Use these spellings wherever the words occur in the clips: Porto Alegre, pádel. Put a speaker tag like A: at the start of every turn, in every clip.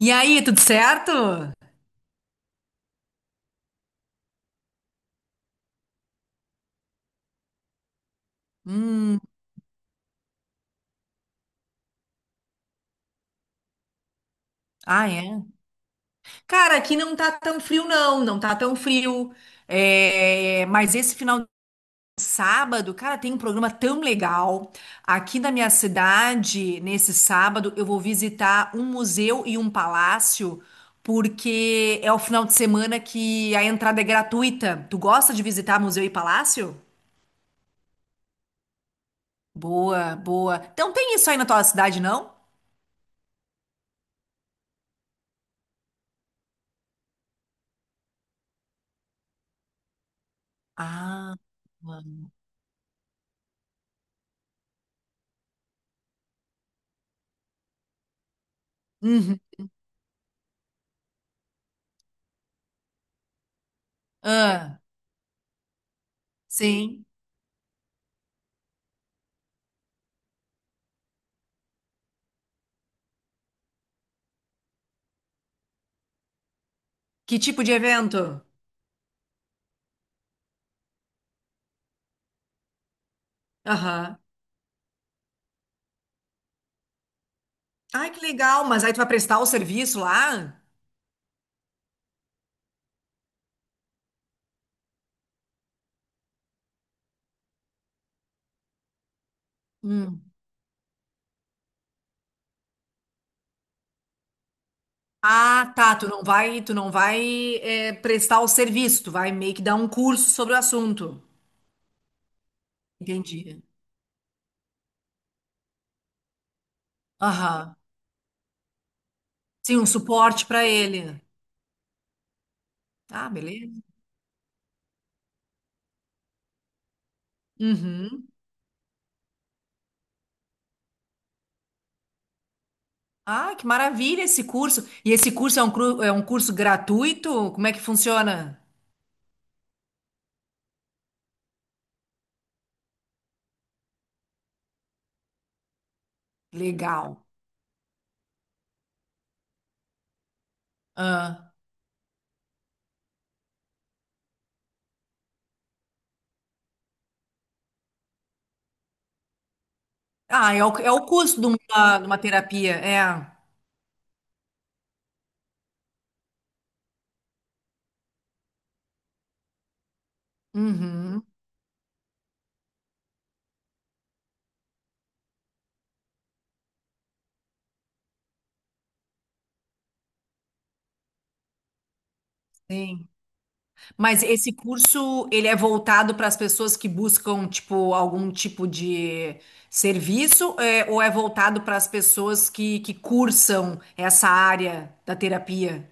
A: E aí, tudo certo? Hum, ah, é. Cara, aqui não tá tão frio, não, não tá tão frio. É, mas esse final de sábado, cara, tem um programa tão legal. Aqui na minha cidade, nesse sábado, eu vou visitar um museu e um palácio, porque é o final de semana que a entrada é gratuita. Tu gosta de visitar museu e palácio? Boa, boa. Então tem isso aí na tua cidade, não? Ah, boa. Uhum. Ah. Sim. Que tipo de evento? Aham. Ai, que legal, mas aí tu vai prestar o serviço lá? Hum. Ah, tá, tu não vai é, prestar o serviço, tu vai meio que dar um curso sobre o assunto. Entendi. Aham. Sim, um suporte para ele. Ah, beleza. Uhum. Ah, que maravilha esse curso. E esse curso é um curso gratuito? Como é que funciona? Legal. Ah, é o custo de uma terapia, é. Uhum. Sim. Mas esse curso, ele é voltado para as pessoas que buscam, tipo, algum tipo de serviço, é, ou é voltado para as pessoas que cursam essa área da terapia?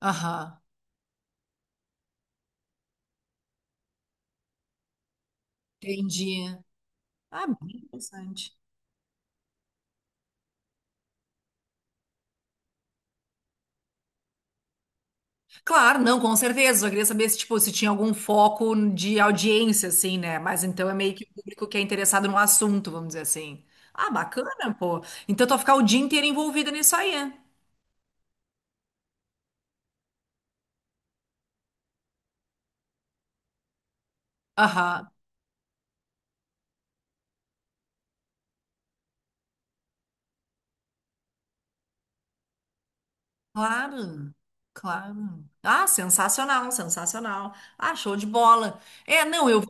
A: Aham, entendi. Ah, bem interessante. Claro, não, com certeza. Só queria saber se, tipo, se tinha algum foco de audiência, assim, né? Mas então é meio que o público que é interessado no assunto, vamos dizer assim. Ah, bacana, pô. Então tu vai ficar o dia inteiro envolvida nisso aí, é? Aham. Claro, claro. Ah, sensacional, sensacional. Ah, show de bola. É, não, eu.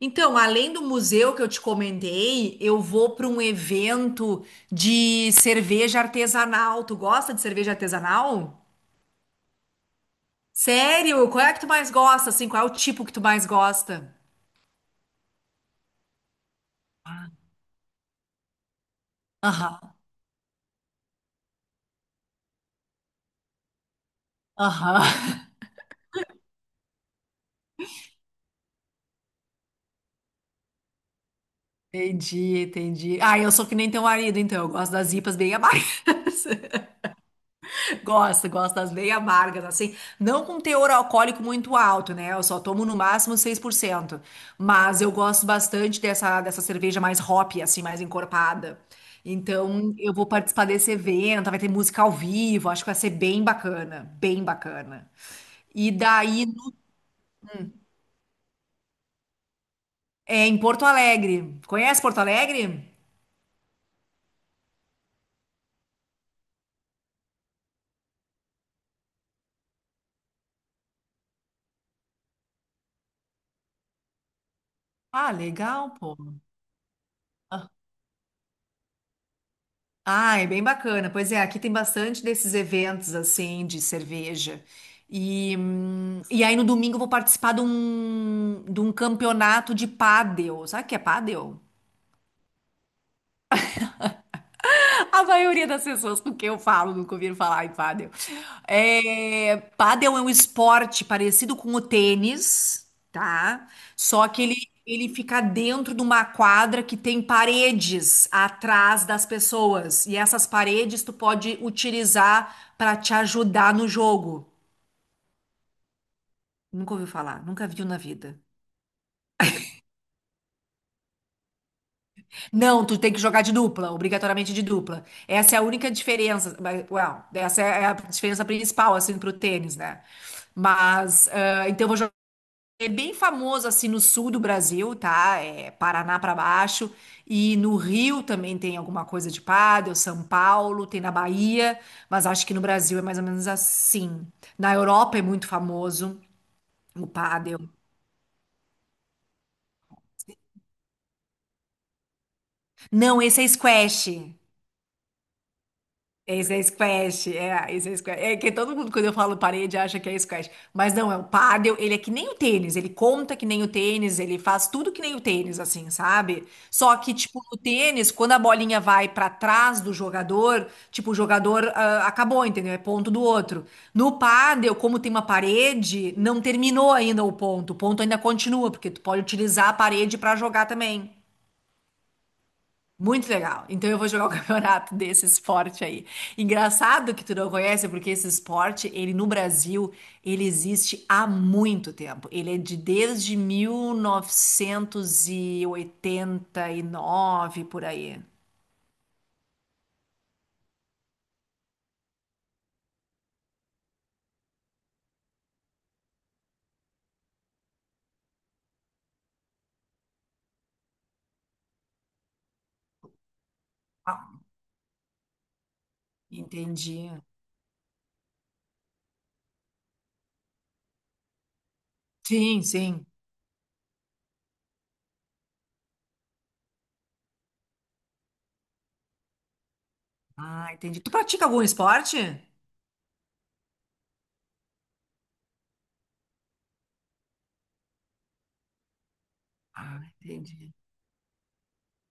A: Então, além do museu que eu te comentei, eu vou para um evento de cerveja artesanal. Tu gosta de cerveja artesanal? Sério? Qual é que tu mais gosta? Assim, qual é o tipo que tu mais gosta? Ah, aham, aham. Entendi, entendi. Ah, eu sou que nem teu marido, então eu gosto das IPAs bem amargas. Gosto, gosto das bem amargas, assim. Não com teor alcoólico muito alto, né? Eu só tomo no máximo 6%. Mas eu gosto bastante dessa cerveja mais hop, assim, mais encorpada. Então, eu vou participar desse evento, vai ter música ao vivo, acho que vai ser bem bacana, bem bacana. E daí, é em Porto Alegre. Conhece Porto Alegre? Ah, legal, pô. Ah, é bem bacana. Pois é, aqui tem bastante desses eventos assim de cerveja. E aí no domingo eu vou participar de um campeonato de pádel. Sabe o que é pádel? A maioria das pessoas com quem eu falo nunca ouviram falar em pádel. É, pádel é um esporte parecido com o tênis, tá? Só que ele fica dentro de uma quadra que tem paredes atrás das pessoas. E essas paredes tu pode utilizar para te ajudar no jogo. Nunca ouviu falar, nunca viu na vida. Não, tu tem que jogar de dupla, obrigatoriamente de dupla. Essa é a única diferença, mas, well, essa é a diferença principal, assim, pro tênis, né? Mas, ah, então eu vou jogar. É bem famoso, assim, no sul do Brasil, tá? É Paraná pra baixo. E no Rio também tem alguma coisa de pádel, São Paulo, tem na Bahia. Mas acho que no Brasil é mais ou menos assim. Na Europa é muito famoso o pádel. Não, esse é squash. Esse é squash, é, esse é squash. É que todo mundo, quando eu falo parede, acha que é squash. Mas não, é o pádel, ele é que nem o tênis, ele conta que nem o tênis, ele faz tudo que nem o tênis, assim, sabe? Só que, tipo, no tênis, quando a bolinha vai pra trás do jogador, tipo, o jogador ah, acabou, entendeu? É ponto do outro. No pádel, como tem uma parede, não terminou ainda o ponto ainda continua, porque tu pode utilizar a parede pra jogar também. Muito legal. Então eu vou jogar o campeonato desse esporte aí. Engraçado que tu não conhece, porque esse esporte, ele no Brasil, ele existe há muito tempo. Ele é de desde mil novecentos e oitenta e nove por aí. Ah, entendi. Sim, sim. Ah, entendi. Tu pratica algum esporte? Ah, entendi.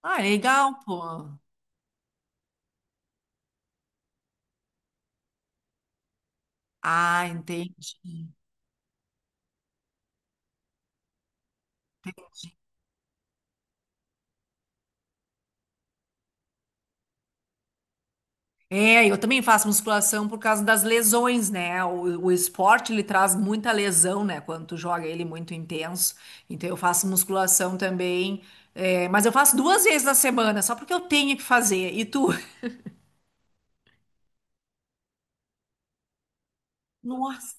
A: Ah, legal, pô. Ah, entendi. É, eu também faço musculação por causa das lesões, né? O esporte ele traz muita lesão, né? Quando tu joga ele muito intenso. Então eu faço musculação também, é, mas eu faço duas vezes na semana, só porque eu tenho que fazer. E tu? Nossa.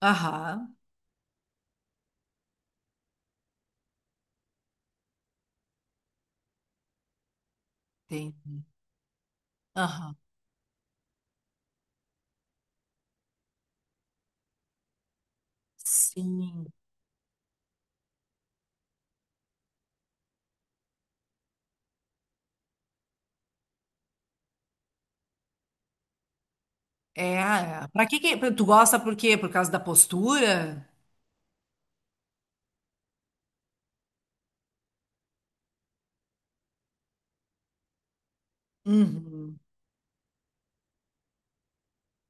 A: Aham, tem. Aham. Sim. É, é. Pra que que tu gosta por quê? Por causa da postura? Uhum.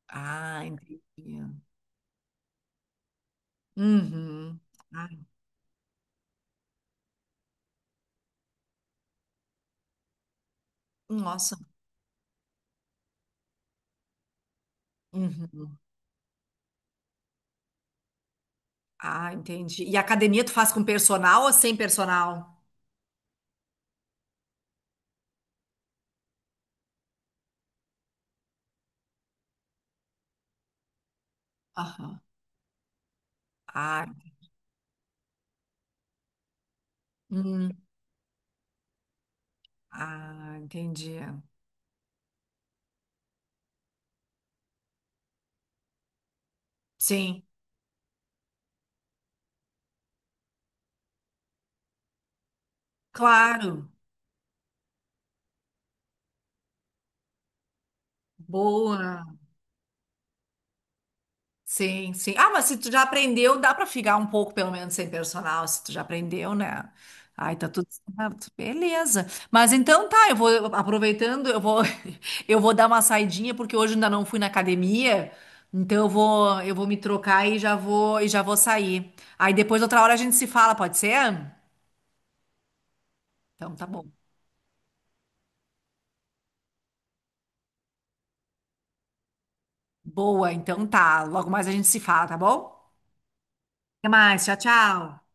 A: Ah, entendi. Uhum. Ah, nossa. Uhum. Ah, entendi. E academia tu faz com personal ou sem personal? Aham. Ah, hum. Ah, entendi. Sim, claro. Boa. Sim, sim. Ah, mas se tu já aprendeu, dá pra ficar um pouco, pelo menos, sem personal, se tu já aprendeu, né? Ai, tá tudo certo. Beleza. Mas então tá, eu vou aproveitando, eu vou eu vou dar uma saidinha porque hoje ainda não fui na academia. Então eu vou me trocar e já vou sair. Aí depois outra hora a gente se fala, pode ser? Então tá bom. Boa, então tá. Logo mais a gente se fala, tá bom? Até mais. Tchau, tchau.